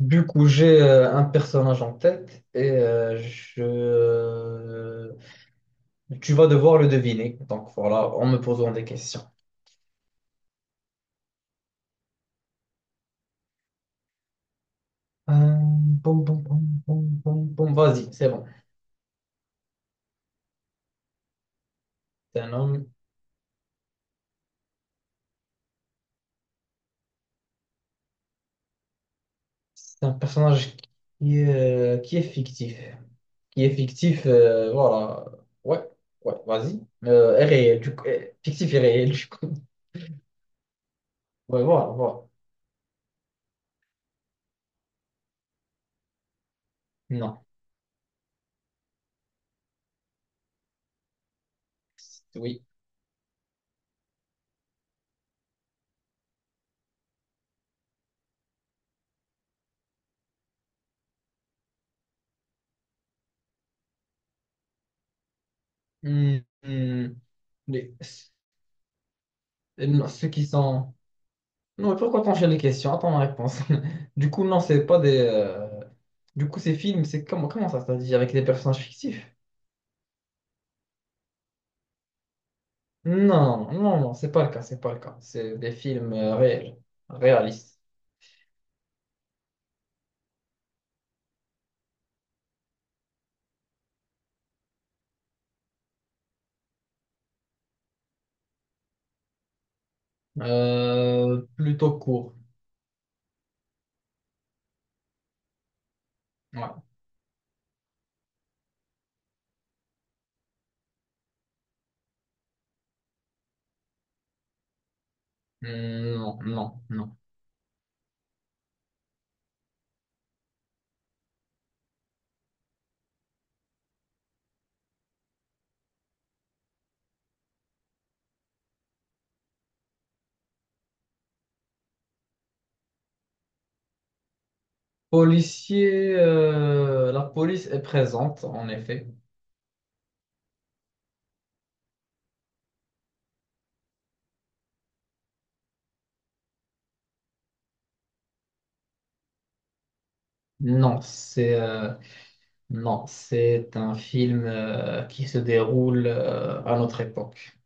Du coup, j'ai un personnage en tête et tu vas devoir le deviner. Donc voilà, en me posant des questions. Euh, bon, bon, bon, bon, bon, bon, vas-y, c'est bon. C'est un homme, c'est un personnage qui est fictif. Qui est fictif, voilà. Ouais, ouais, vas-y. Est réel, du coup. Fictif et réel, du coup. Ouais, voilà, voilà. Non, oui. Hmm, hmm. Les- non, ceux qui sont... Non, mais pourquoi t'enchaînes les questions? Attends ma réponse. Du coup, non, c'est pas des. Du coup, ces films, c'est comment ça, c'est-à-dire avec des personnages fictifs? Non, non, non, c'est pas le cas, c'est pas le cas. C'est des films réels, réalistes. Plutôt courts. Ouais. Non, non, non. Policier, la police est présente, en effet. Non, c'est non, c'est un film qui se déroule à notre époque.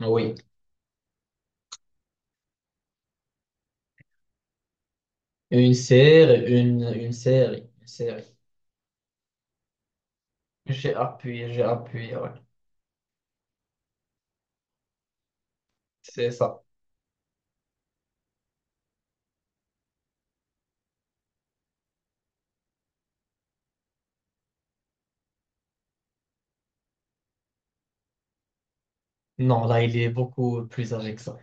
Oui. Une série, une série. J'ai appuyé, ouais. C'est ça. Non, là, il est beaucoup plus âgé que ça.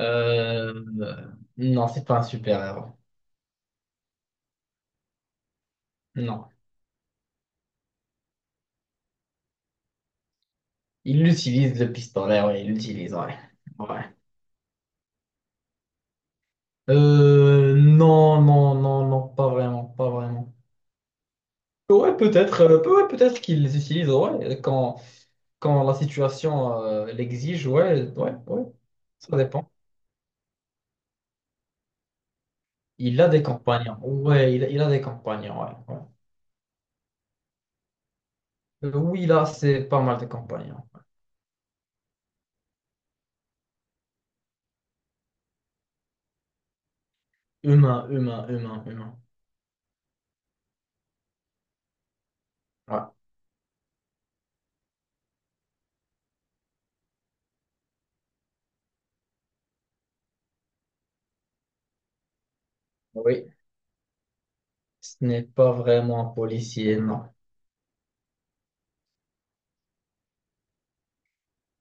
Euh, non, c'est pas un super-héros. Non. Il utilise le pistolet, ouais, il l'utilise, ouais. Ouais. Non, non, non, non, pas vraiment, pas vraiment. Ouais, peut-être qu'ils les utilisent, ouais, quand la situation l'exige, ouais, ouais, ouais, ça dépend. Il a des compagnons, ouais, il a des compagnons, ouais. Ouais. Oui, là, c'est pas mal de compagnons. Humain, humain, humain, humain. Ouais. Oui, ce n'est pas vraiment un policier, non.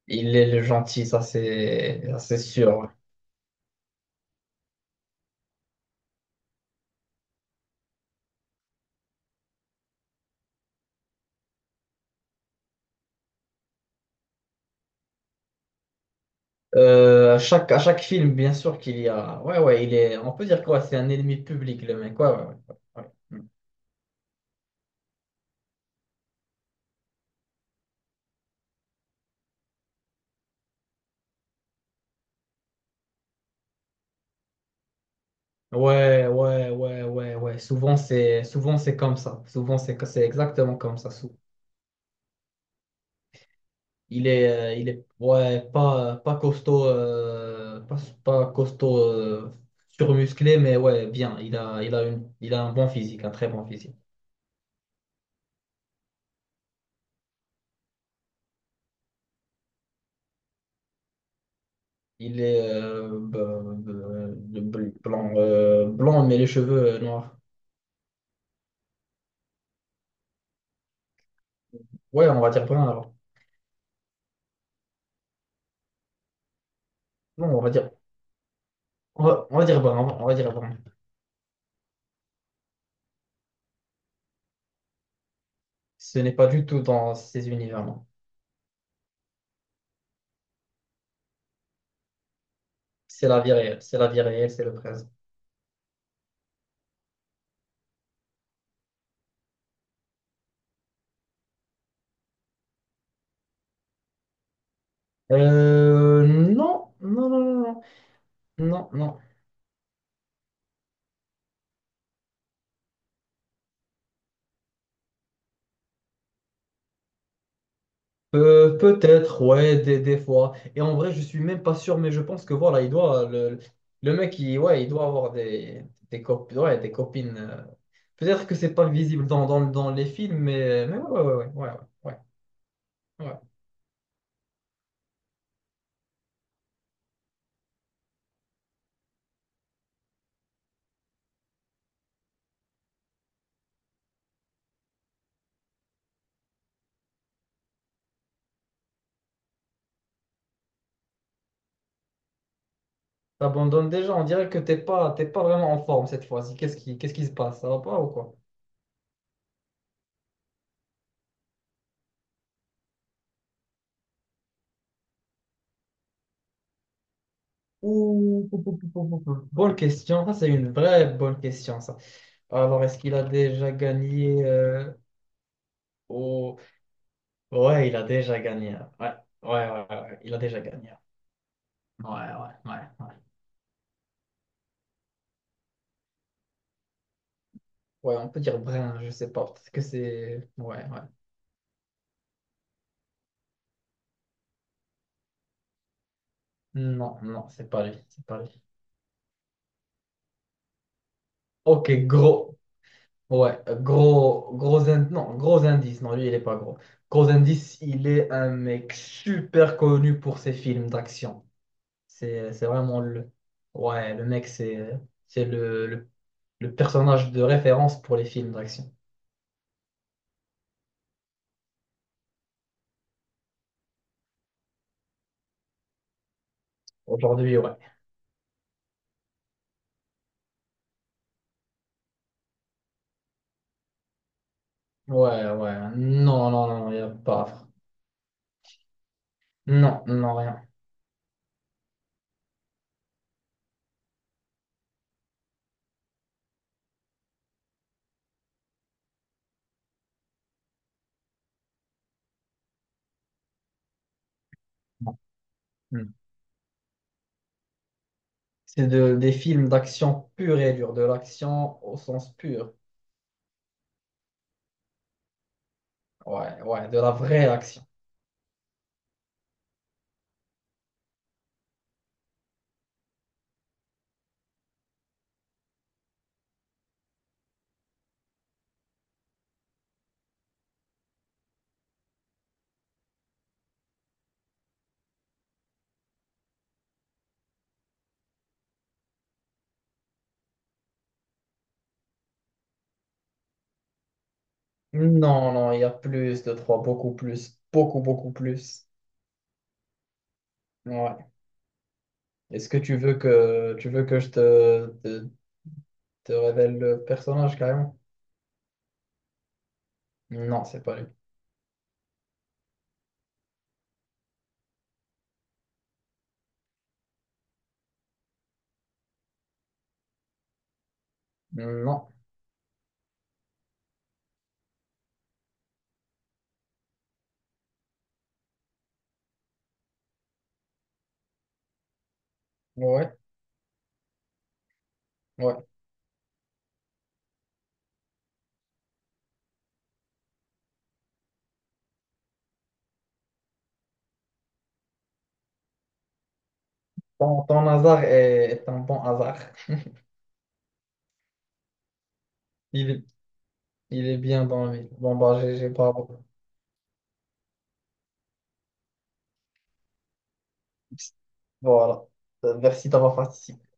Il est le gentil, ça, c'est sûr. Ouais. Euh, à chaque film, bien sûr qu'il y a. Ouais, ouais, il est. On peut dire quoi? C'est un ennemi public, le mec. Ouais, ouais, ouais. Ouais, ouais, ouais, ouais, ouais. Ouais. Souvent, c'est comme ça. Souvent, c'est exactement comme ça. Il est ouais, pas costaud, euh, pas costaud surmusclé, mais ouais, bien. Il a il a un bon physique, un très bon physique. Il est blanc, blanc, mais les cheveux noirs. Ouais, on va dire brun alors. Non, on va dire brun, on va dire brun. Ce n'est pas du tout dans ces univers, là. C'est la vie réelle, c'est la vie réelle, c'est le présent. Non, non, non, non, non, non, non. Peut-être, ouais, des fois. Et en vrai, je suis même pas sûr, mais je pense que voilà, le mec, ouais, il doit avoir ouais, des copines. Peut-être que c'est pas visible dans les films, mais ouais, ouais, ouais, ouais, ouais, ouais. Ouais. T'abandonnes déjà, on dirait que t'es pas vraiment en forme cette fois-ci. Qu'est-ce qui se passe? Ça va pas ou quoi? Ouh, pou, pou, pou, pou, pou, pou. Bonne question. Ça, c'est une vraie bonne question, ça. Alors, est-ce qu'il a déjà gagné ouais, il a déjà gagné. Hein. Ouais, ouais, ouais, ouais, ouais, il a déjà gagné. Ouais, ouais, ouais, ouais. Ouais, on peut dire Brin, je sais pas. Peut-être que c'est. Ouais, ouais. Non, non, c'est pas lui. C'est pas lui. Ok, gros. Ouais, euh, gros indice. Non, gros indice. Non, lui, il est pas gros. Gros indice, il est un mec super connu pour ses films d'action. C'est vraiment le. Ouais, le mec, c'est le personnage de référence pour les films d'action. Aujourd'hui, ouais. Ouais, ouais. Non, non, non, il n'y a pas. Non, non, rien. Non, non. C'est de, des films d'action pure et dure, de l'action au sens pur. Ouais, ouais, de la vraie action. Non, non, il y a plus de trois, beaucoup plus, beaucoup, beaucoup plus. Ouais. Est-ce que tu veux que je te révèle le personnage carrément? Non, c'est pas lui. Non. Ouais, ouais. Ton hasard est un bon hasard. Il est, il est bien dans lui. Bon, bah, j'ai pas. Voilà. Merci d'avoir participé.